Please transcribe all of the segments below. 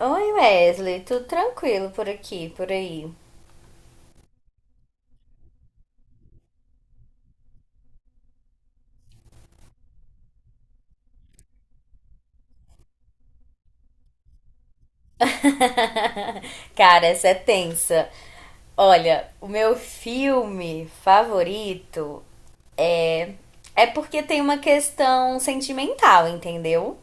Oi Wesley, tudo tranquilo por aqui, por aí? Cara, essa é tensa. Olha, o meu filme favorito é porque tem uma questão sentimental, entendeu?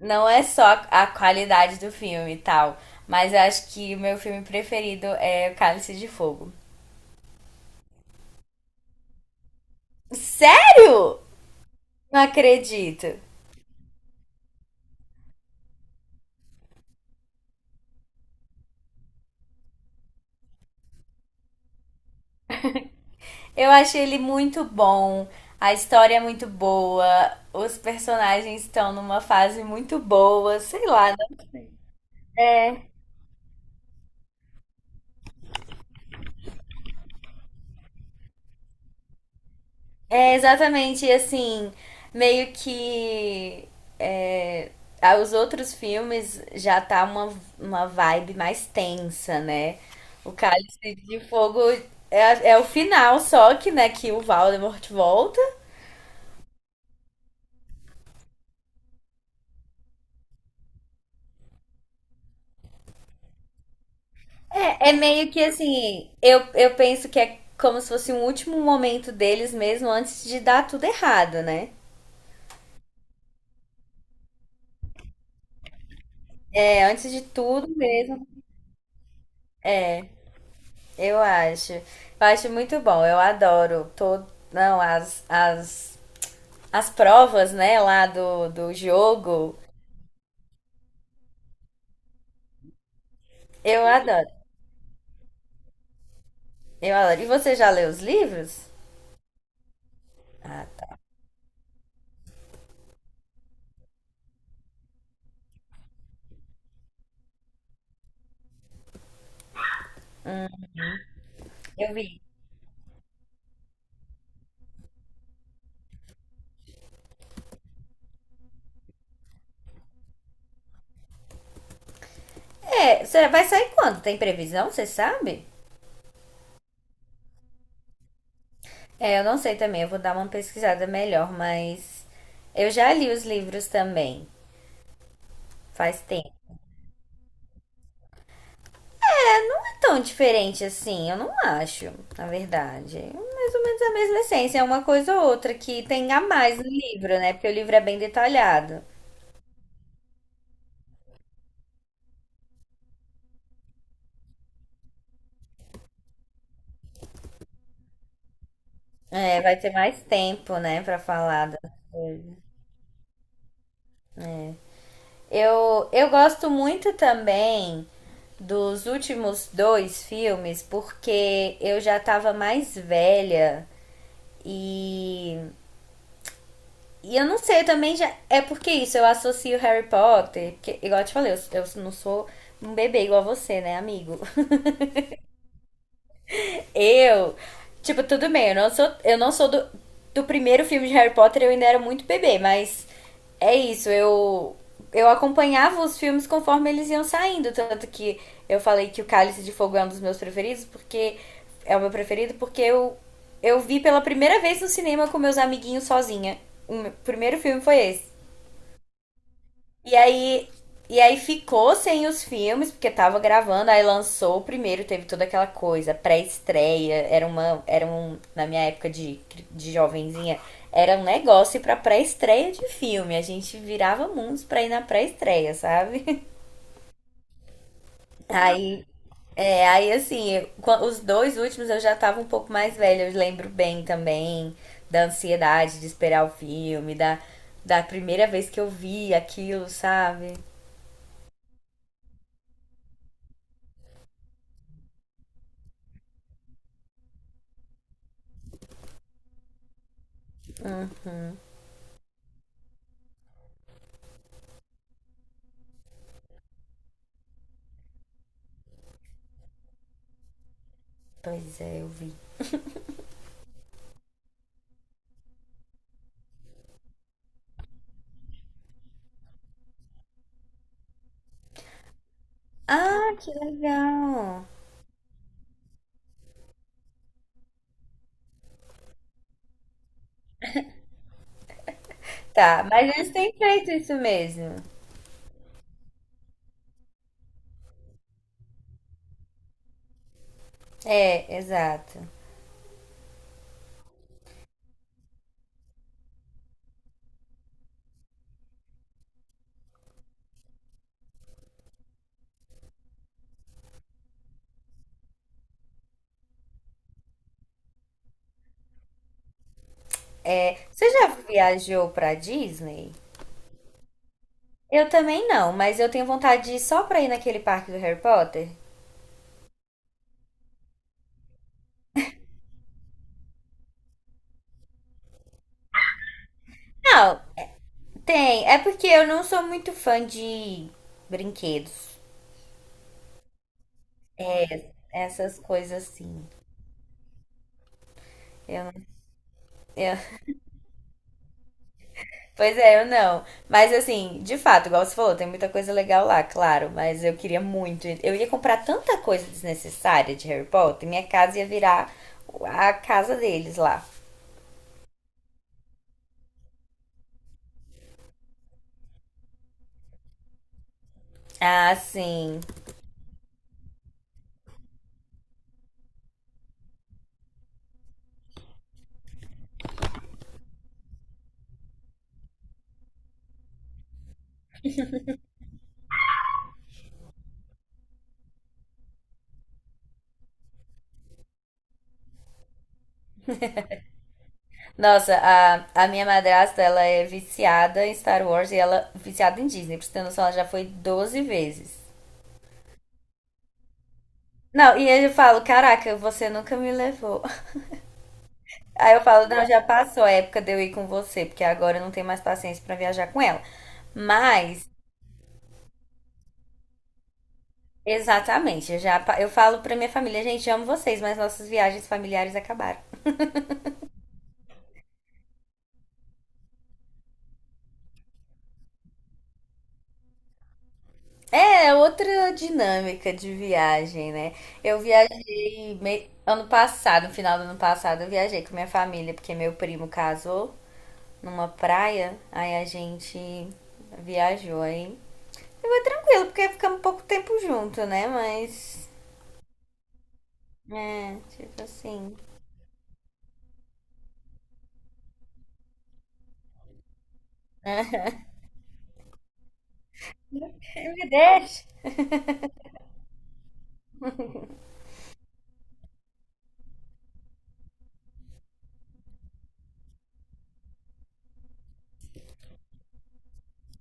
Não é só a qualidade do filme e tal, mas eu acho que o meu filme preferido é O Cálice de Fogo. Sério? Não acredito. Eu achei ele muito bom, a história é muito boa, os personagens estão numa fase muito boa, sei lá, né? É, É exatamente assim, meio que é, os outros filmes já tá uma vibe mais tensa, né? O Cálice de Fogo é o final, só que, né, que o Voldemort volta. É meio que assim, eu penso que é como se fosse um último momento deles mesmo antes de dar tudo errado, né? É, antes de tudo mesmo, eu acho. Eu acho muito bom, eu adoro todo, não, as provas, né, lá do, jogo. Eu adoro, eu adoro. E você já leu os livros? Ah, eu vi. É, vai sair quando? Tem previsão, você sabe? É, eu não sei também, eu vou dar uma pesquisada melhor, mas eu já li os livros também. Faz tempo. Não é tão diferente assim, eu não acho, na verdade. É mais ou menos a mesma essência, é uma coisa ou outra que tem a mais no livro, né? Porque o livro é bem detalhado. É, vai ter mais tempo, né, pra falar das coisas. Eu gosto muito também dos últimos dois filmes, porque eu já tava mais velha e E eu não sei, eu também já. É porque isso, eu associo Harry Potter. Porque, igual eu te falei, eu não sou um bebê igual você, né, amigo? Eu. Tipo, tudo bem, eu não sou do, primeiro filme de Harry Potter, eu ainda era muito bebê, mas é isso, eu. Eu acompanhava os filmes conforme eles iam saindo. Tanto que eu falei que o Cálice de Fogo é um dos meus preferidos, porque. É o meu preferido, porque eu vi pela primeira vez no cinema com meus amiguinhos sozinha. O primeiro filme foi esse. E aí, e aí ficou sem os filmes, porque tava gravando, aí lançou o primeiro, teve toda aquela coisa, pré-estreia, era uma, era um, na minha época de, jovenzinha, era um negócio para pré-estreia de filme, a gente virava mundos pra ir na pré-estreia, sabe? Aí, aí assim, os dois últimos eu já tava um pouco mais velha, eu lembro bem também da ansiedade de esperar o filme, da primeira vez que eu vi aquilo, sabe? Pois é, eu vi. Ah, que legal. Tá, mas eles têm feito isso mesmo. É, exato. Você já viajou pra Disney? Eu também não, mas eu tenho vontade de ir só pra ir naquele parque do Harry Potter. Não, tem. É porque eu não sou muito fã de brinquedos, essas coisas assim. Eu, eu, Pois é, eu não. Mas assim, de fato, igual você falou, tem muita coisa legal lá, claro. Mas eu queria muito. Eu ia comprar tanta coisa desnecessária de Harry Potter, minha casa ia virar a casa deles lá. Ah, sim. Nossa, a minha madrasta, ela é viciada em Star Wars e ela é viciada em Disney. Pra você ter noção, ela já foi 12 vezes. Não, e aí eu falo, caraca, você nunca me levou. Aí eu falo, não, já passou a época de eu ir com você, porque agora eu não tenho mais paciência pra viajar com ela. Mas. Exatamente. Eu falo pra minha família, gente, amo vocês, mas nossas viagens familiares acabaram. É outra dinâmica de viagem, né? Eu viajei ano passado, no final do ano passado, eu viajei com minha família, porque meu primo casou numa praia, aí a gente viajou aí. Tranquilo, porque ficamos pouco tempo junto, né? Mas, tipo assim. É verdade.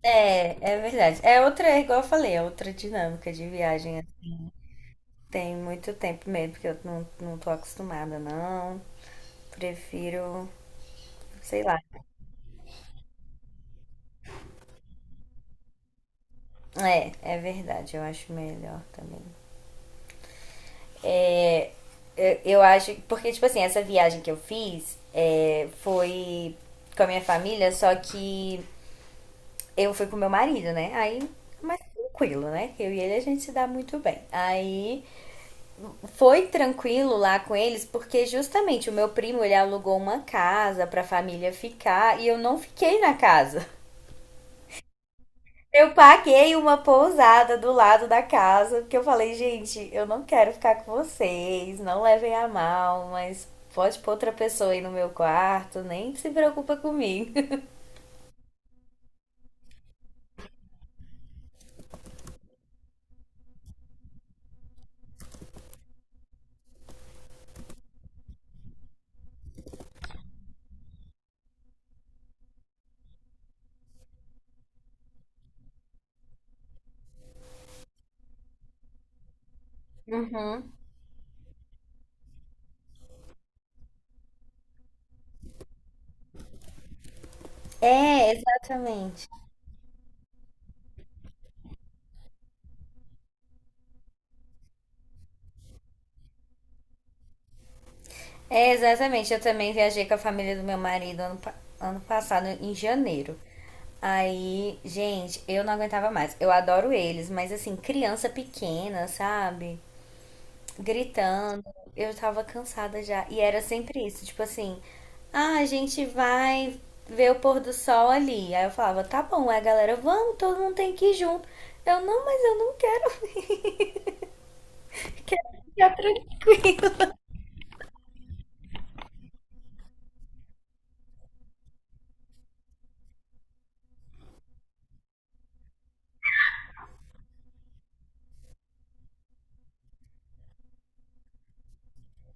É verdade. É outra, é igual eu falei, é outra dinâmica de viagem. Tem muito tempo mesmo, porque eu não tô acostumada, não. Prefiro, sei lá. É verdade, eu acho melhor também. Eu acho, porque, tipo assim, essa viagem que eu fiz é, foi com a minha família, só que eu fui com meu marido, né? Aí, mais tranquilo, né? Eu e ele a gente se dá muito bem. Aí, foi tranquilo lá com eles, porque justamente o meu primo ele alugou uma casa pra família ficar e eu não fiquei na casa. Eu paguei uma pousada do lado da casa, porque eu falei, gente, eu não quero ficar com vocês, não levem a mal, mas pode pôr outra pessoa aí no meu quarto, nem se preocupa comigo. Uhum. É, exatamente. É, exatamente. Eu também viajei com a família do meu marido ano passado, em janeiro. Aí, gente, eu não aguentava mais. Eu adoro eles, mas assim, criança pequena, sabe, gritando. Eu tava cansada já. E era sempre isso, tipo assim, ah, a gente vai ver o pôr do sol ali. Aí eu falava, tá bom, é galera, vamos, todo mundo tem que ir junto. Eu, não, mas eu não quero, eu quero ficar tranquila.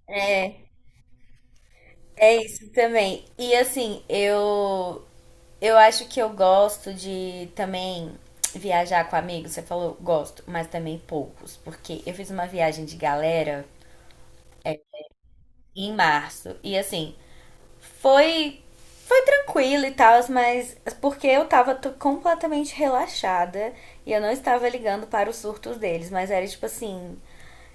É, é isso também. E assim, eu acho que eu gosto de também viajar com amigos. Você falou gosto, mas também poucos, porque eu fiz uma viagem de galera em março. E assim, Foi foi tranquilo e tal, mas porque eu tava completamente relaxada e eu não estava ligando para os surtos deles, mas era tipo assim,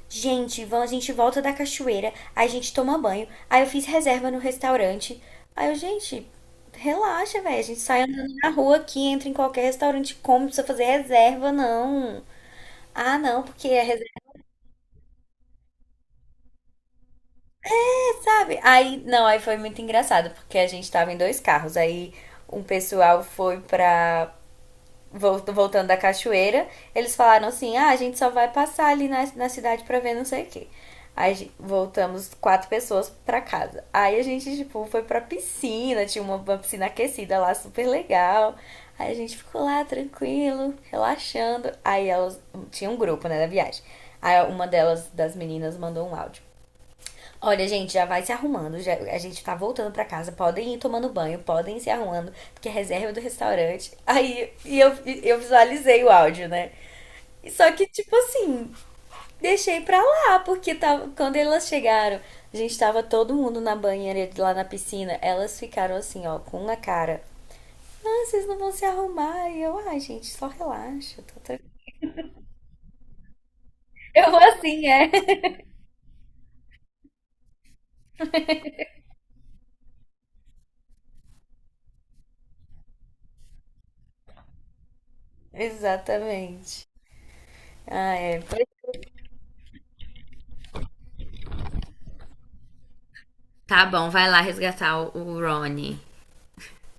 gente, vamos, a gente volta da cachoeira, aí a gente toma banho, aí eu fiz reserva no restaurante. Aí eu, gente, relaxa, velho, a gente sai andando na rua aqui, entra em qualquer restaurante, come, não precisa fazer reserva, não. Ah, não, porque é reserva, sabe? Aí, não, aí foi muito engraçado, porque a gente tava em dois carros, aí um pessoal foi pra voltando da cachoeira, eles falaram assim: ah, a gente só vai passar ali na, cidade pra ver não sei o quê. Aí voltamos quatro pessoas pra casa. Aí a gente, tipo, foi pra piscina, tinha uma piscina aquecida lá, super legal. Aí a gente ficou lá tranquilo, relaxando. Aí elas. Tinha um grupo, né, da viagem. Aí uma delas, das meninas, mandou um áudio. Olha, gente, já vai se arrumando. A gente tá voltando pra casa. Podem ir tomando banho, podem ir se arrumando, porque a reserva é do restaurante. Aí e eu visualizei o áudio, né? E só que, tipo assim, deixei pra lá, porque tava, quando elas chegaram, a gente tava todo mundo na banheira lá na piscina. Elas ficaram assim, ó, com uma cara. Ah, vocês não vão se arrumar. E eu, ai, gente, só relaxa. Tô tranquila. Eu vou assim, é. Exatamente. Ah, é. Pois. Tá bom, vai lá.